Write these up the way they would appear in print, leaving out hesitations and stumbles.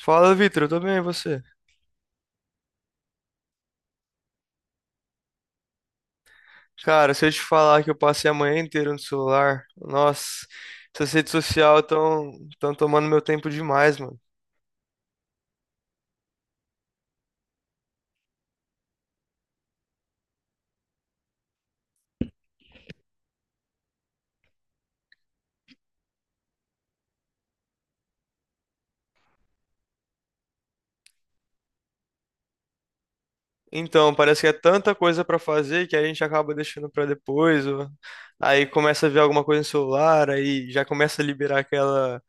Fala, Vitor, eu tô bem, e você? Cara, se eu te falar que eu passei a manhã inteira no celular, nossa, essas redes sociais estão tão tomando meu tempo demais, mano. Então, parece que é tanta coisa pra fazer que a gente acaba deixando pra depois, ou aí começa a ver alguma coisa no celular, aí já começa a liberar aquela,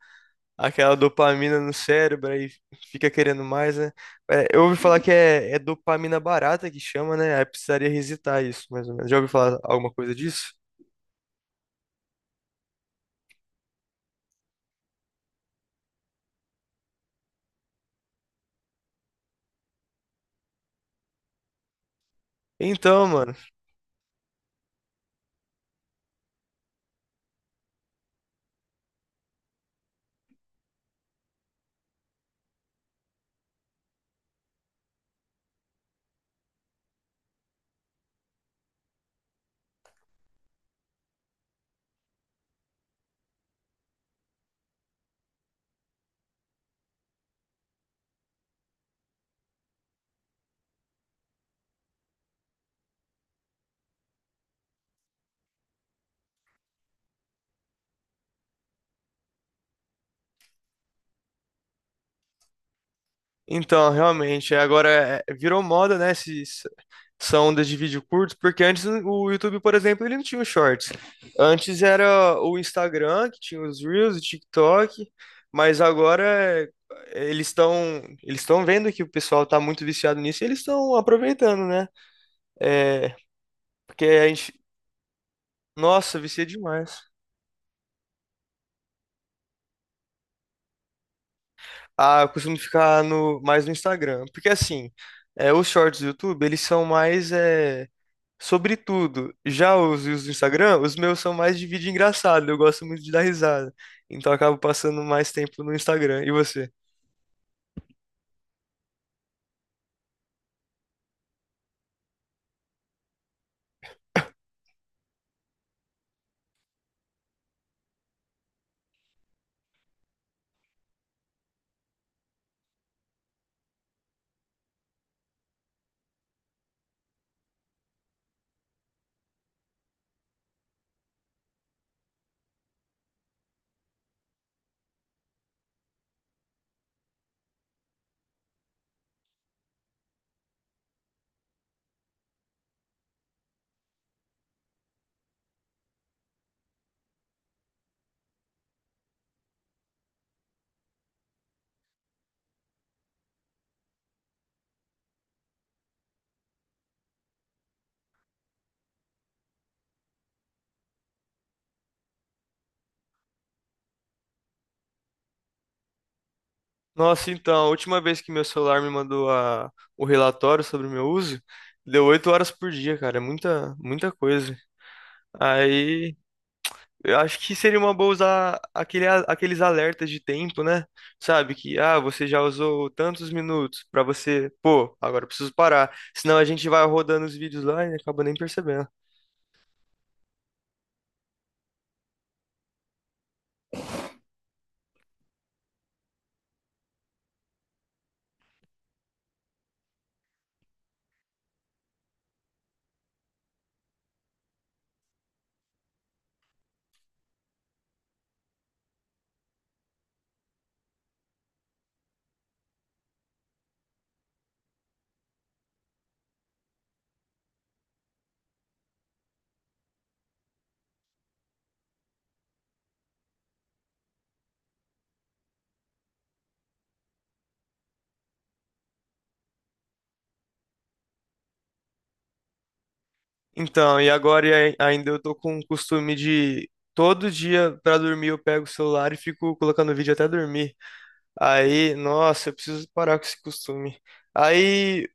aquela dopamina no cérebro, aí fica querendo mais, né? É, eu ouvi falar que é dopamina barata que chama, né? Aí precisaria resetar isso, mais ou menos. Já ouviu falar alguma coisa disso? Então, mano. Então, realmente, é, agora é, virou moda, né, essa onda de vídeo curto, porque antes o YouTube, por exemplo, ele não tinha os shorts. Antes era o Instagram, que tinha os Reels, o TikTok, mas agora é, eles estão vendo que o pessoal tá muito viciado nisso e eles estão aproveitando, né? É, porque a gente, nossa, vicia demais. Ah, eu costumo ficar no, mais no Instagram, porque assim, é, os shorts do YouTube, eles são mais... é, sobretudo, já os reels do Instagram, os meus são mais de vídeo engraçado, eu gosto muito de dar risada. Então eu acabo passando mais tempo no Instagram. E você? Nossa, então, a última vez que meu celular me mandou a, o relatório sobre o meu uso, deu 8 horas por dia, cara. É muita, muita coisa. Aí eu acho que seria uma boa usar aquele, aqueles alertas de tempo, né? Sabe? Que, ah, você já usou tantos minutos pra você, pô, agora eu preciso parar. Senão a gente vai rodando os vídeos lá e acaba nem percebendo. Então, e agora e ainda eu tô com o costume de todo dia pra dormir eu pego o celular e fico colocando vídeo até dormir. Aí, nossa, eu preciso parar com esse costume. Aí,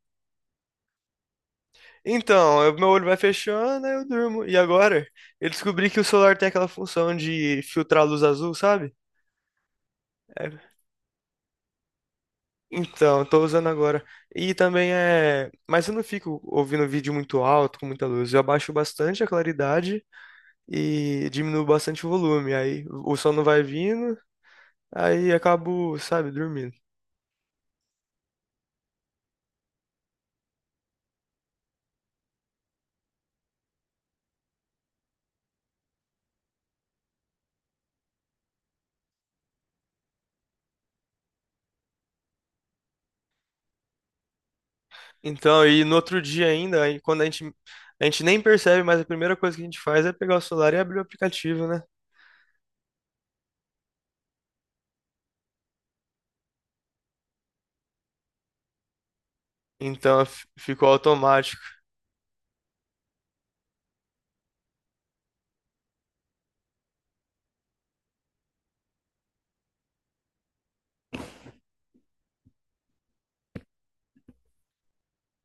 então, meu olho vai fechando, aí eu durmo. E agora? Eu descobri que o celular tem aquela função de filtrar a luz azul, sabe? É, então, eu tô usando agora. E também é. Mas eu não fico ouvindo vídeo muito alto, com muita luz. Eu abaixo bastante a claridade e diminuo bastante o volume. Aí o sono vai vindo, aí acabo, sabe, dormindo. Então, e no outro dia ainda, aí quando a gente nem percebe, mas a primeira coisa que a gente faz é pegar o celular e abrir o aplicativo, né? Então ficou automático.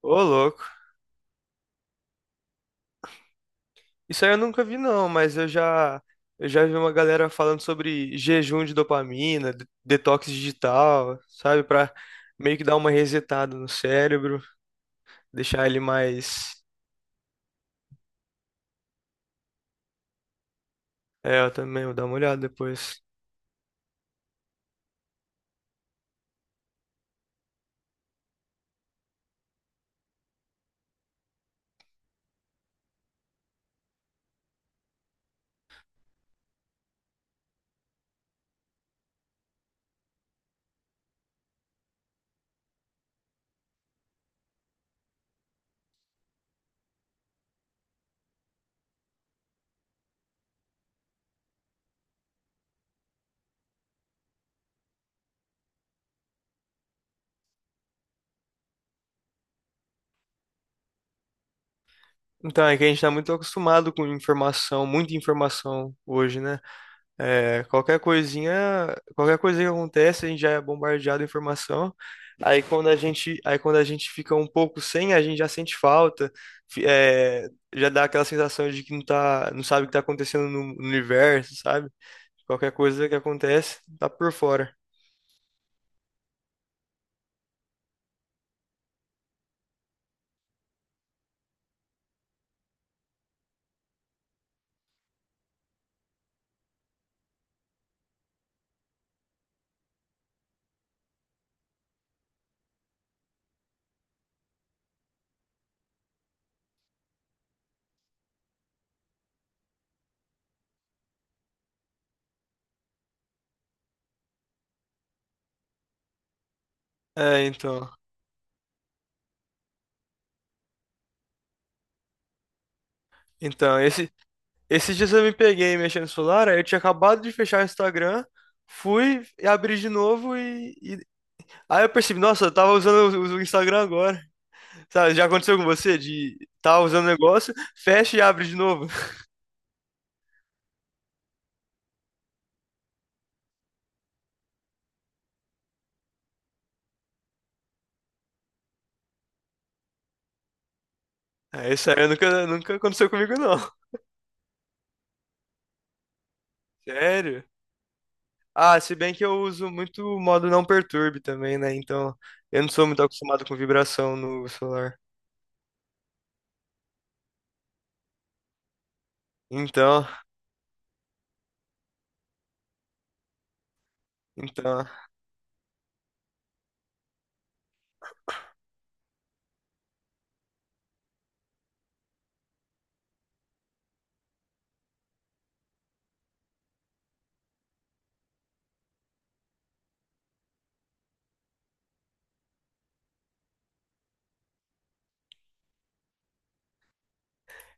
Ô, louco. Isso aí eu nunca vi, não, mas eu já vi uma galera falando sobre jejum de dopamina, detox digital, sabe? Pra meio que dar uma resetada no cérebro, deixar ele mais. É, eu também vou dar uma olhada depois. Então, é que a gente está muito acostumado com informação, muita informação hoje, né? É, qualquer coisinha, qualquer coisa que acontece, a gente já é bombardeado de informação. Aí quando a gente, aí quando a gente fica um pouco sem, a gente já sente falta, fi- é, já dá aquela sensação de que não tá, não sabe o que está acontecendo no, no universo, sabe? Qualquer coisa que acontece, tá por fora. É, então, então esse, esses dias eu me peguei mexendo no celular, aí eu tinha acabado de fechar o Instagram, fui e abri de novo e aí eu percebi, nossa, eu tava usando o Instagram agora. Sabe, já aconteceu com você de tava usando o negócio, fecha e abre de novo? É, isso aí nunca aconteceu comigo, não. Sério? Ah, se bem que eu uso muito o modo não perturbe também, né? Então, eu não sou muito acostumado com vibração no celular. Então, então...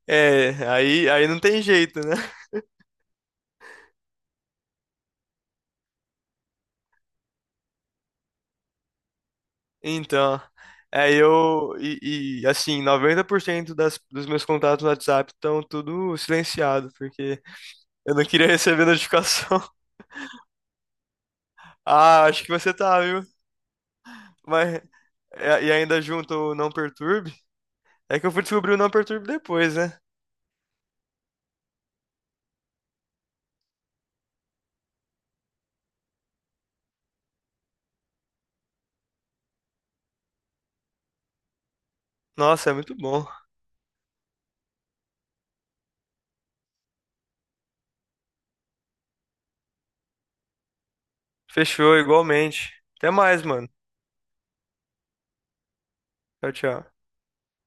É, aí, aí não tem jeito, né? Então, assim, 90% dos meus contatos no WhatsApp estão tudo silenciado, porque eu não queria receber notificação. Ah, acho que você tá, viu? Mas é, e ainda junto o não perturbe. É que eu fui descobrir o não perturbe depois, né? Nossa, é muito bom. Fechou, igualmente. Até mais, mano. Tchau, tchau.